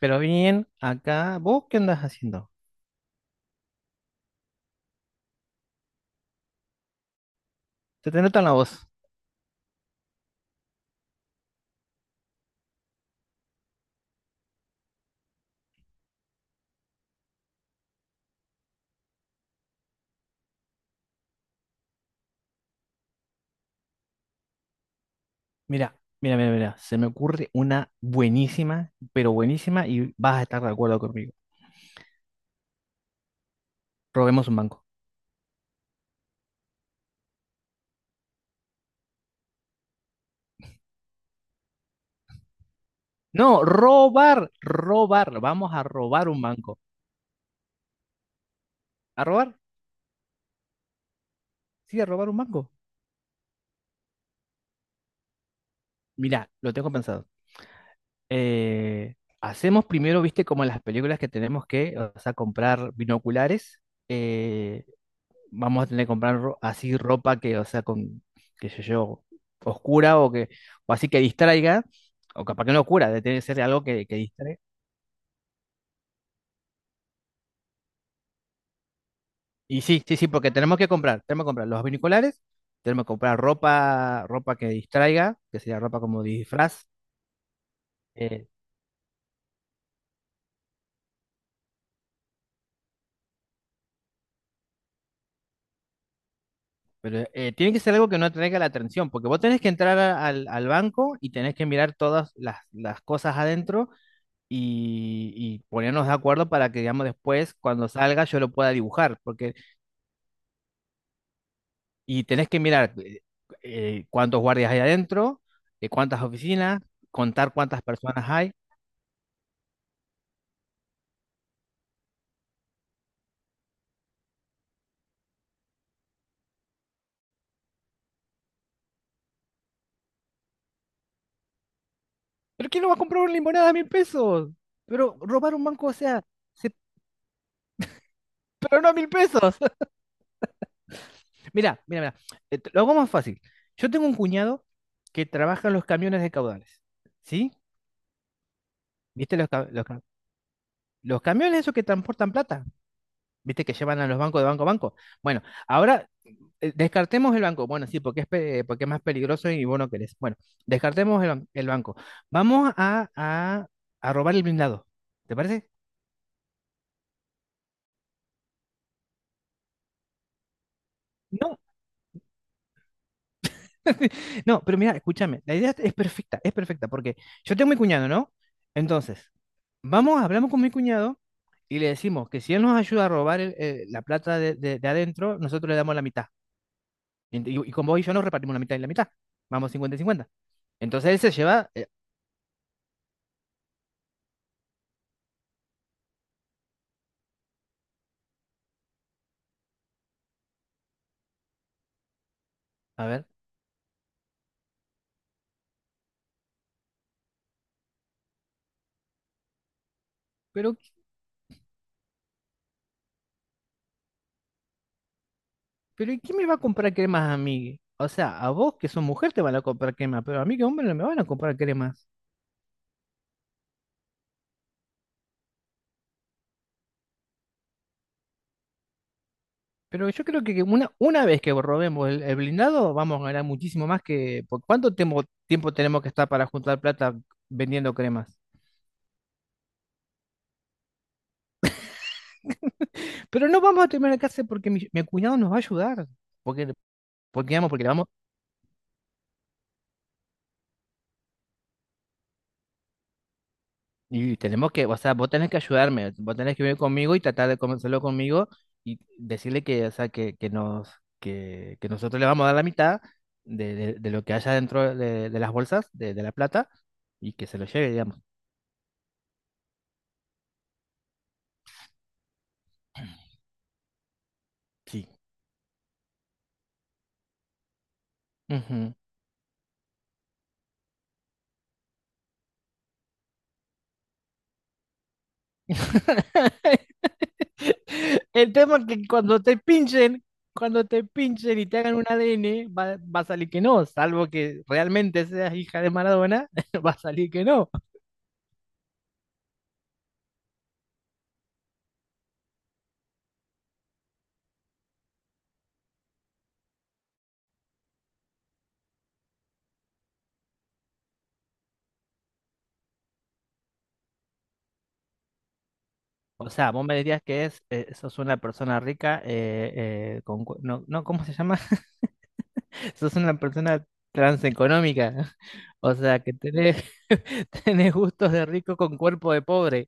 Pero bien, acá, ¿vos qué andas haciendo? Se te nota en la voz. Mira, mira, mira, mira. Se me ocurre una buenísima, pero buenísima, y vas a estar de acuerdo conmigo. Robemos un banco. No, robar, robar. Vamos a robar un banco. ¿A robar? Sí, a robar un banco. Mira, lo tengo pensado. Eh, Hacemos primero, viste, como en las películas que tenemos que, o sea, comprar binoculares. eh, Vamos a tener que comprar así ropa que, o sea, con, qué sé yo, oscura o que, o así que distraiga, o capaz que no oscura, debe tener que ser algo que distraiga. Y sí, sí, sí, porque tenemos que comprar los binoculares, tenemos que comprar ropa, ropa que distraiga, que sería ropa como disfraz, eh, pero tiene que ser algo que no atraiga la atención, porque vos tenés que entrar al banco y tenés que mirar todas las cosas adentro y ponernos de acuerdo para que, digamos, después, cuando salga, yo lo pueda dibujar. Porque y tenés que mirar cuántos guardias hay adentro, cuántas oficinas, contar cuántas personas hay. ¿Pero quién no va a comprar una limonada a mil pesos? Pero robar un banco, o sea, se- pero no a mil pesos. Mira, mira, mira. Lo hago más fácil. Yo tengo un cuñado que trabaja en los camiones de caudales. ¿Sí? ¿Viste los camiones esos que transportan plata? Viste que llevan a los bancos de banco a banco. Bueno, ahora descartemos el banco. Bueno, sí, porque porque es más peligroso y vos no querés. Bueno, descartemos el banco. Vamos a robar el blindado. ¿Te parece? No, no, pero mira, escúchame. La idea es perfecta, porque yo tengo mi cuñado, ¿no? Entonces, vamos, hablamos con mi cuñado y le decimos que si él nos ayuda a robar la plata de adentro, nosotros le damos la mitad. Y con vos y yo nos repartimos la mitad y la mitad. Vamos cincuenta y 50. Entonces él se lleva, a ver, pero, pero ¿y quién me va a comprar cremas a mí? O sea, a vos que sos mujer te van a comprar cremas, pero a mí que hombre no me van a comprar cremas. Pero yo creo que una vez que robemos el blindado, vamos a ganar muchísimo más que... ¿Por cuánto tiempo tenemos que estar para juntar plata vendiendo cremas? Pero no vamos a terminar la casa porque mi cuñado nos va a ayudar. Porque, porque, vamos, porque le vamos. Y tenemos que, o sea, vos tenés que ayudarme, vos tenés que venir conmigo y tratar de convencerlo conmigo y decirle que, o sea, que nosotros le vamos a dar la mitad de lo que haya dentro de las bolsas, de la plata, y que se lo lleve, digamos. Sí. Ujú. El tema es que cuando te pinchen y te hagan un ADN, va a salir que no, salvo que realmente seas hija de Maradona. Va a salir que no. O sea, vos me dirías que sos una persona rica, no, no, ¿cómo se llama? Sos una persona transeconómica. O sea, que tenés, tenés gustos de rico con cuerpo de pobre.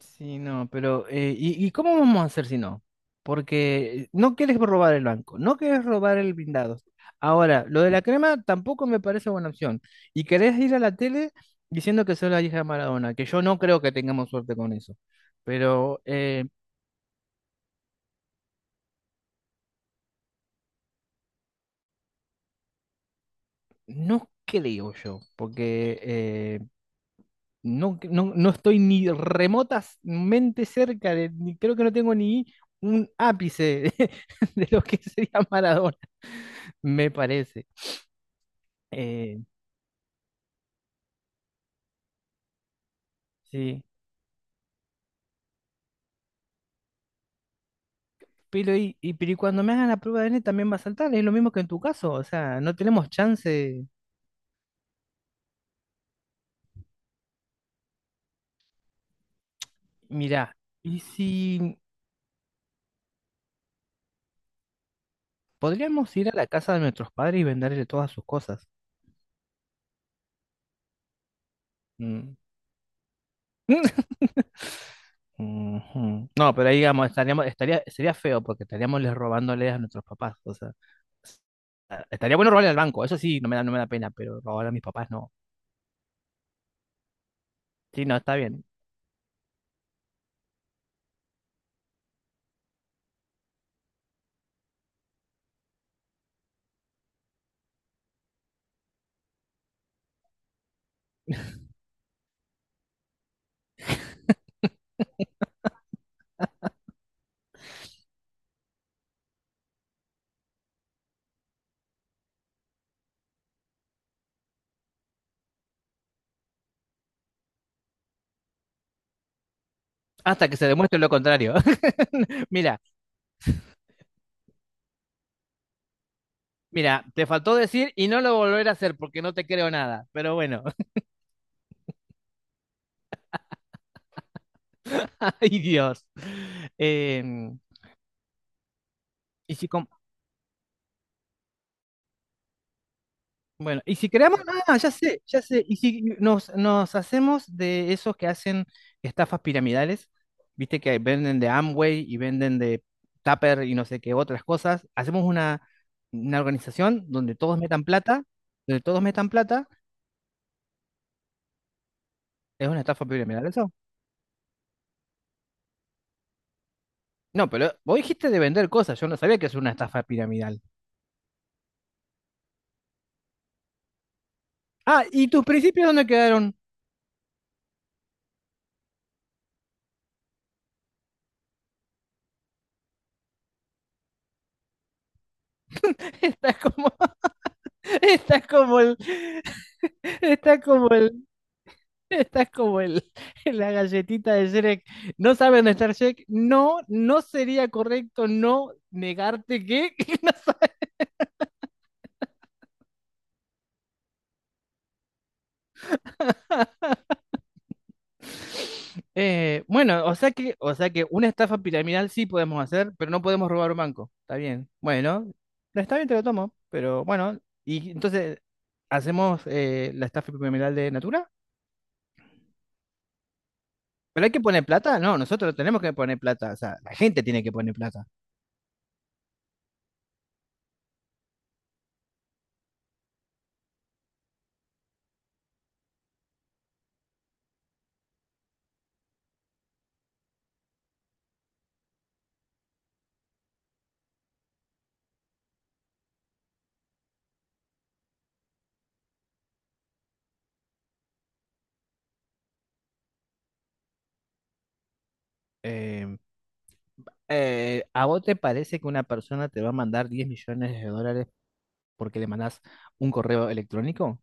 Sí, no, pero y cómo vamos a hacer si no? Porque no quieres robar el banco, no quieres robar el blindado. Ahora, lo de la crema tampoco me parece buena opción. Y querés ir a la tele diciendo que sos la hija de Maradona, que yo no creo que tengamos suerte con eso. Pero, no creo yo, porque no, no, no estoy ni remotamente cerca de, ni, creo que no tengo ni un ápice de, de lo que sería Maradona, me parece. Eh, sí. Pero y cuando me hagan la prueba de ADN también va a saltar, es lo mismo que en tu caso, o sea, no tenemos chance. Mirá, ¿y si podríamos ir a la casa de nuestros padres y venderle todas sus cosas? Mm. Ujú. No, pero ahí digamos, sería feo porque estaríamos les robándole a nuestros papás. O sea, estaría bueno robarle al banco, eso sí, no me da pena, pero robarle a mis papás no. Sí, no, está bien. Hasta que se demuestre lo contrario. Mira, mira, te faltó decir y no lo volveré a hacer porque no te creo nada. Pero bueno, ay Dios. Em, y si com Bueno, y si creamos, ah, ya sé, y si nos hacemos de esos que hacen estafas piramidales, viste que venden de Amway y venden de Tupper y no sé qué otras cosas, hacemos una organización donde todos metan plata, es una estafa piramidal eso. No, pero vos dijiste de vender cosas, yo no sabía que es una estafa piramidal. Ah, ¿y tus principios dónde quedaron? Estás como, estás como el, estás como el Estás como el, la galletita de Shrek. No sabe dónde está Shrek. No, no sería correcto no negarte que, que no sabe. Bueno, o sea que, una estafa piramidal sí podemos hacer, pero no podemos robar un banco. Está bien. Bueno, no está bien, te lo tomo. Pero bueno, y entonces, ¿hacemos la estafa piramidal de Natura? ¿Pero hay que poner plata? No, nosotros tenemos que poner plata. O sea, la gente tiene que poner plata. Eh, ¿a vos te parece que una persona te va a mandar 10 millones de dólares porque le mandás un correo electrónico?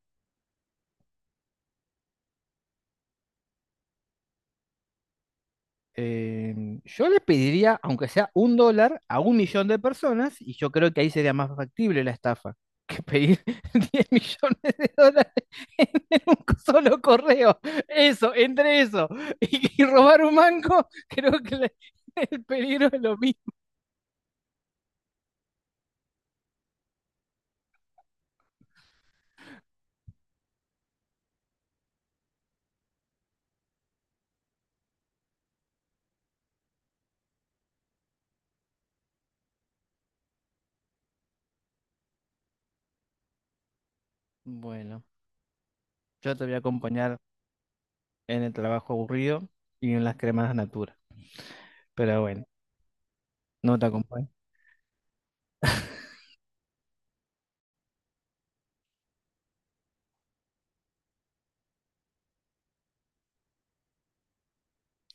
Eh, yo le pediría, aunque sea un dólar, a un millón de personas, y yo creo que ahí sería más factible la estafa que pedir 10 millones de dólares en un solo correo. Eso, entre eso y robar un banco, creo que el peligro es lo mismo. Bueno, yo te voy a acompañar en el trabajo aburrido y en las cremas de Natura. Pero bueno. No te acompaño.